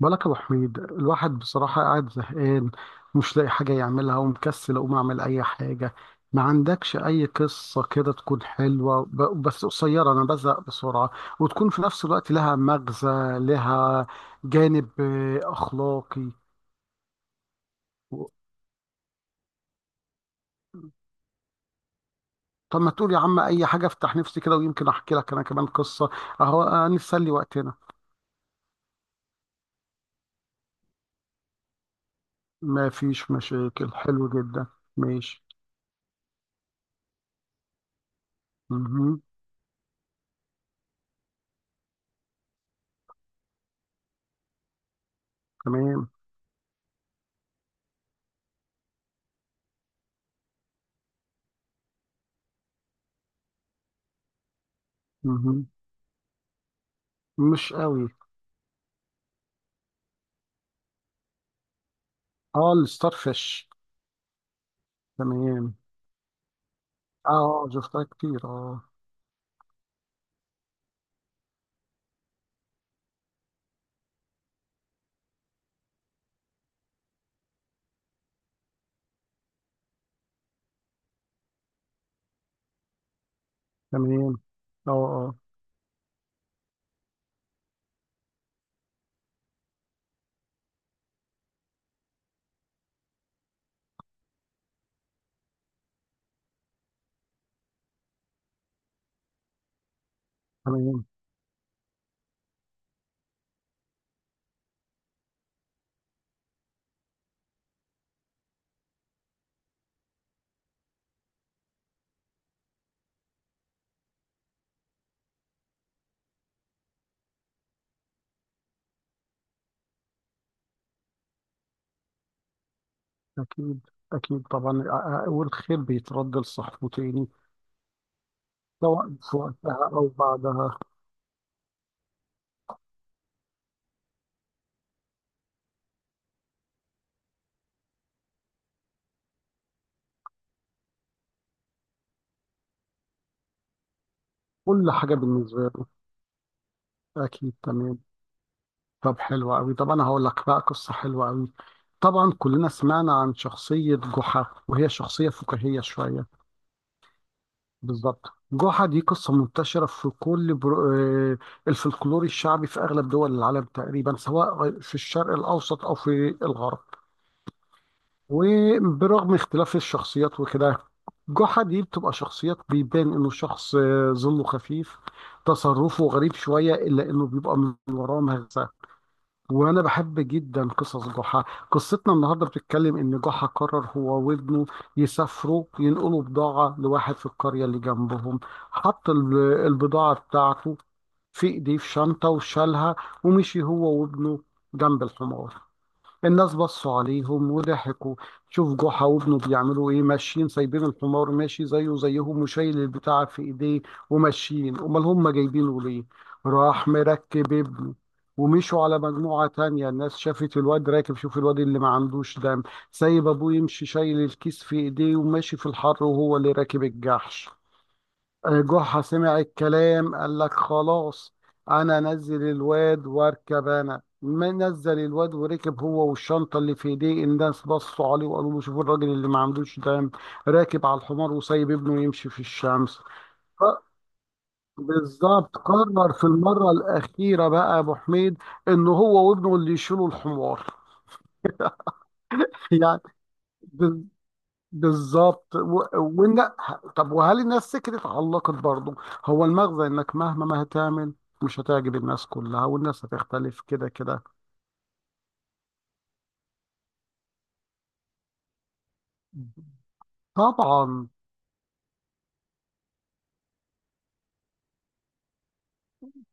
بالك يا ابو حميد، الواحد بصراحه قاعد زهقان، مش لاقي حاجه يعملها ومكسل اقوم اعمل اي حاجه. ما عندكش اي قصه كده تكون حلوه بس قصيره، انا بزهق بسرعه، وتكون في نفس الوقت لها مغزى، لها جانب اخلاقي. و- طب ما تقول يا عم اي حاجه، افتح نفسي كده ويمكن احكي لك انا كمان قصه. اهو نسلي وقتنا. ما فيش مشاكل، حلو جدا. ماشي. مهم. تمام. مهم. مش قوي. اه الستار فيش. تمام. اه شفتها كتير اه. تمام. اه اه. تمام. اكيد. اكيد طبعا، والخير بيترد لصاحبه تاني، سواء في وقتها او بعدها. كل حاجه بالنسبه له. اكيد، تمام. طب حلو قوي، طب انا هقول لك بقى قصه حلوه قوي. طبعا كلنا سمعنا عن شخصيه جحا، وهي شخصيه فكاهيه شويه. بالظبط. جحا دي قصة منتشرة في كل برو... آه، الفلكلور الشعبي في أغلب دول العالم تقريبا، سواء في الشرق الأوسط أو في الغرب. وبرغم اختلاف الشخصيات وكده، جحا دي بتبقى شخصيات بيبان إنه شخص ظله خفيف، تصرفه غريب شوية، إلا إنه بيبقى من وراه مغزى. وانا بحب جدا قصص ضحى. قصتنا النهارده بتتكلم ان ضحى قرر هو وابنه يسافروا ينقلوا بضاعه لواحد في القريه اللي جنبهم. حط البضاعه بتاعته في ايديه في شنطه وشالها، ومشي هو وابنه جنب الحمار. الناس بصوا عليهم وضحكوا، شوف جحا وابنه بيعملوا ايه، ماشيين سايبين الحمار ماشي زيه زيهم وشايل البتاع في ايديه، وماشيين، امال هم جايبينه ليه. راح مركب ابنه، ومشوا على مجموعة تانية. الناس شافت الواد راكب، شوف الواد اللي ما عندوش دم، سايب ابوه يمشي شايل الكيس في ايديه وماشي في الحر، وهو اللي راكب الجحش. جحا سمع الكلام قال لك خلاص، انا نزل الواد واركب انا. ما نزل الواد وركب هو والشنطه اللي في ايديه، الناس بصوا عليه وقالوا له شوفوا الراجل اللي ما عندوش دم، راكب على الحمار وسايب ابنه يمشي في الشمس. ف- بالظبط، قرر في المره الاخيره بقى يا ابو حميد ان هو وابنه اللي يشيلوا الحمار. يعني بالظبط طب وهل الناس سكتت، علقت برضه؟ هو المغزى انك مهما ما هتعمل مش هتعجب الناس كلها، والناس هتختلف كده كده. طبعا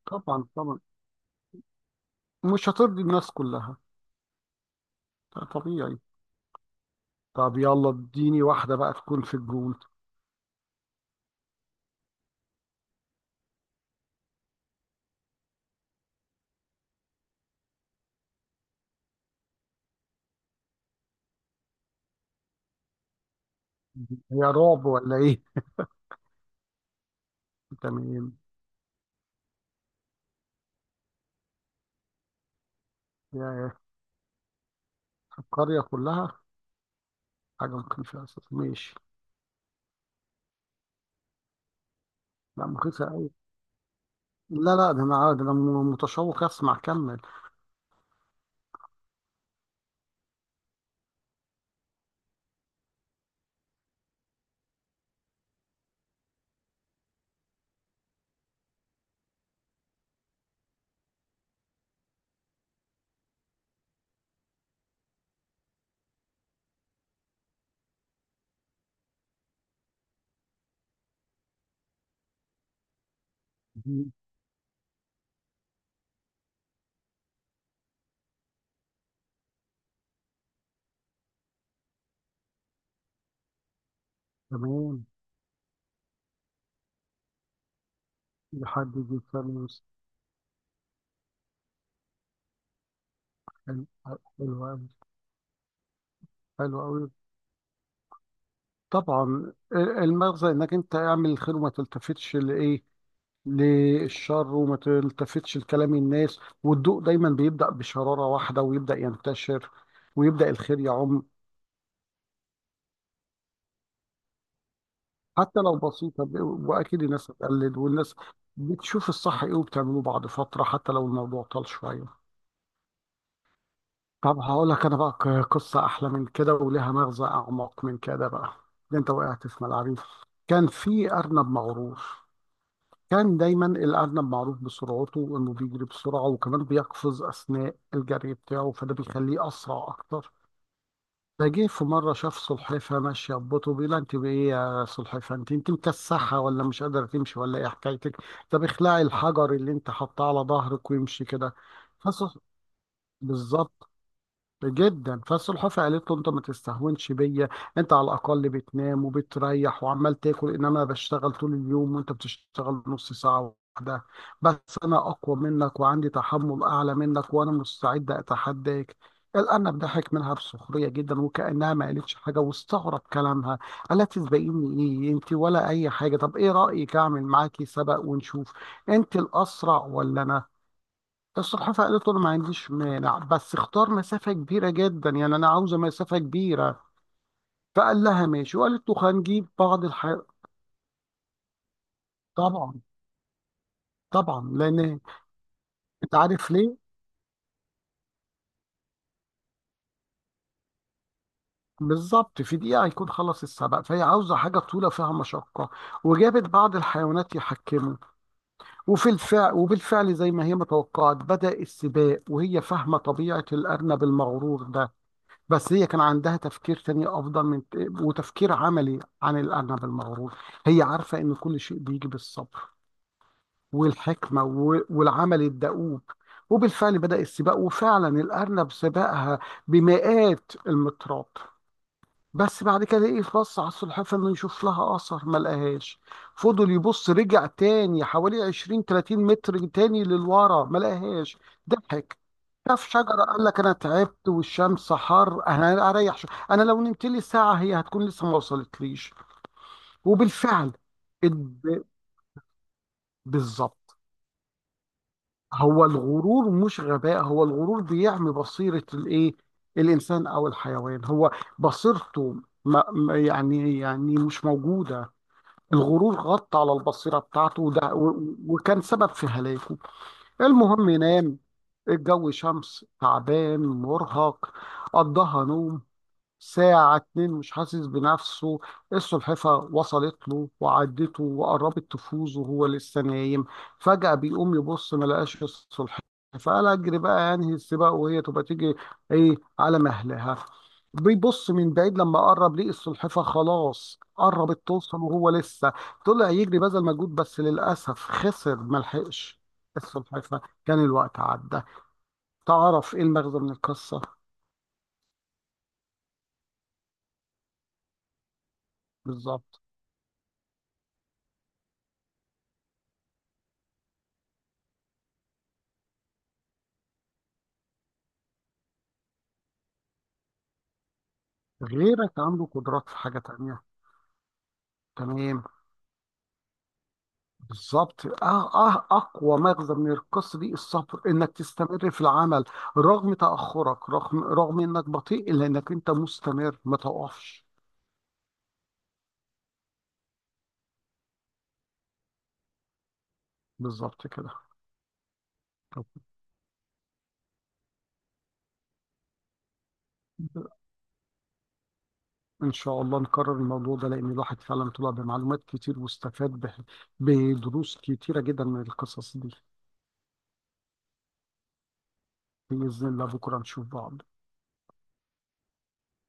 طبعا. طبعا مش هترضي الناس كلها، ده طبيعي. طب يلا اديني واحدة بقى تكون في الجون. هي رعب ولا ايه؟ تمام. يا القرية كلها. حاجة ممكن فيها أساس، ماشي. لا مخيفة أوي، لا لا، ده أنا، ده أنا متشوق أسمع، كمل. دي تمام. لحد دي تمام. حلو، حلو أوي، حلو أوي. طبعا المغزى إنك أنت اعمل الخير وما تلتفتش لإيه، للشر، وما تلتفتش لكلام الناس، والضوء دايما بيبدأ بشرارة واحدة ويبدأ ينتشر، ويبدأ الخير يعم. حتى لو بسيطة، وأكيد الناس هتقلد، والناس بتشوف الصح إيه وبتعمله بعد فترة، حتى لو الموضوع طال شوية. طب هقول لك أنا بقى قصة أحلى من كده ولها مغزى أعمق من كده بقى. ده أنت وقعت في ملعبي. كان في أرنب مغرور. كان دايما الأرنب معروف بسرعته، إنه بيجري بسرعة وكمان بيقفز أثناء الجري بتاعه، فده بيخليه أسرع أكتر. فجه في مرة شاف سلحفاة ماشية ببطء، بيقول لها أنت بإيه يا سلحفاة، أنت مكسحة ولا مش قادرة تمشي ولا إيه حكايتك؟ طب اخلعي الحجر اللي أنت حاطاه على ظهرك وامشي كده. فسح بالظبط جدا. فالسلحفاه قالت له انت ما تستهونش بيا، انت على الاقل بتنام وبتريح وعمال تاكل، انما انا بشتغل طول اليوم وانت بتشتغل نص ساعه واحده بس، انا اقوى منك وعندي تحمل اعلى منك، وانا مستعد اتحداك. الارنب ضحك منها بسخريه جدا وكانها ما قالتش حاجه، واستغرب كلامها، الا تسبقيني ايه انت ولا اي حاجه؟ طب ايه رايك اعمل معاكي سبق ونشوف انت الاسرع ولا انا. الصحافة قالت له أنا ما عنديش مانع، بس اختار مسافة كبيرة جدا، يعني أنا عاوزة مسافة كبيرة. فقال لها ماشي، وقالت له هنجيب بعض الحاجات. طبعا طبعا لأن أنت عارف ليه؟ بالظبط، في دقيقة هيكون خلص السبق، فهي عاوزة حاجة طويلة فيها مشقة. وجابت بعض الحيوانات يحكموا، وفي الفعل وبالفعل زي ما هي متوقعت بدأ السباق، وهي فاهمة طبيعة الأرنب المغرور ده. بس هي كان عندها تفكير تاني افضل من، وتفكير عملي عن الارنب المغرور. هي عارفه ان كل شيء بيجي بالصبر والحكمه والعمل الدؤوب. وبالفعل بدأ السباق، وفعلا الارنب سبقها بمئات المترات. بس بعد كده ايه يخص على السلحفاه انه يشوف لها اثر، ما لقاهاش. فضل يبص، رجع تاني حوالي 20 30 متر تاني للورا، ما لقاهاش. ضحك، شاف شجره، قال لك انا تعبت والشمس حر، انا اريح انا لو نمت لي ساعه هي هتكون لسه ما وصلتليش. وبالفعل اد- بالظبط. هو الغرور مش غباء، هو الغرور بيعمي بصيره الايه، الانسان او الحيوان، هو بصيرته يعني مش موجوده. الغرور غطى على البصيرة بتاعته، وكان سبب في هلاكه. المهم نام، الجو شمس، تعبان مرهق، قضاها نوم ساعة اتنين مش حاسس بنفسه. السلحفة وصلت له وعدته وقربت تفوز وهو لسه نايم. فجأة بيقوم يبص ما لقاش السلحفة، فقال أجري بقى أنهي السباق وهي تبقى تيجي إيه على مهلها. بيبص من بعيد، لما قرب ليه السلحفة خلاص قربت توصل وهو لسه، طلع يجري بذل مجهود، بس للأسف خسر ملحقش السلحفة، كان الوقت عدى. تعرف إيه المغزى من القصة؟ بالظبط، غيرك عنده قدرات في حاجة تانية. تمام. بالظبط، آه آه، أقوى مغزى من القصة دي الصبر، إنك تستمر في العمل رغم تأخرك، رغم إنك بطيء، إلا إنك أنت مستمر ما تقفش. بالظبط كده. طب إن شاء الله نكرر الموضوع ده، لأن الواحد فعلا طلع بمعلومات كتير، واستفاد بدروس كتيرة جدا من القصص دي. بإذن الله بكرة نشوف بعض.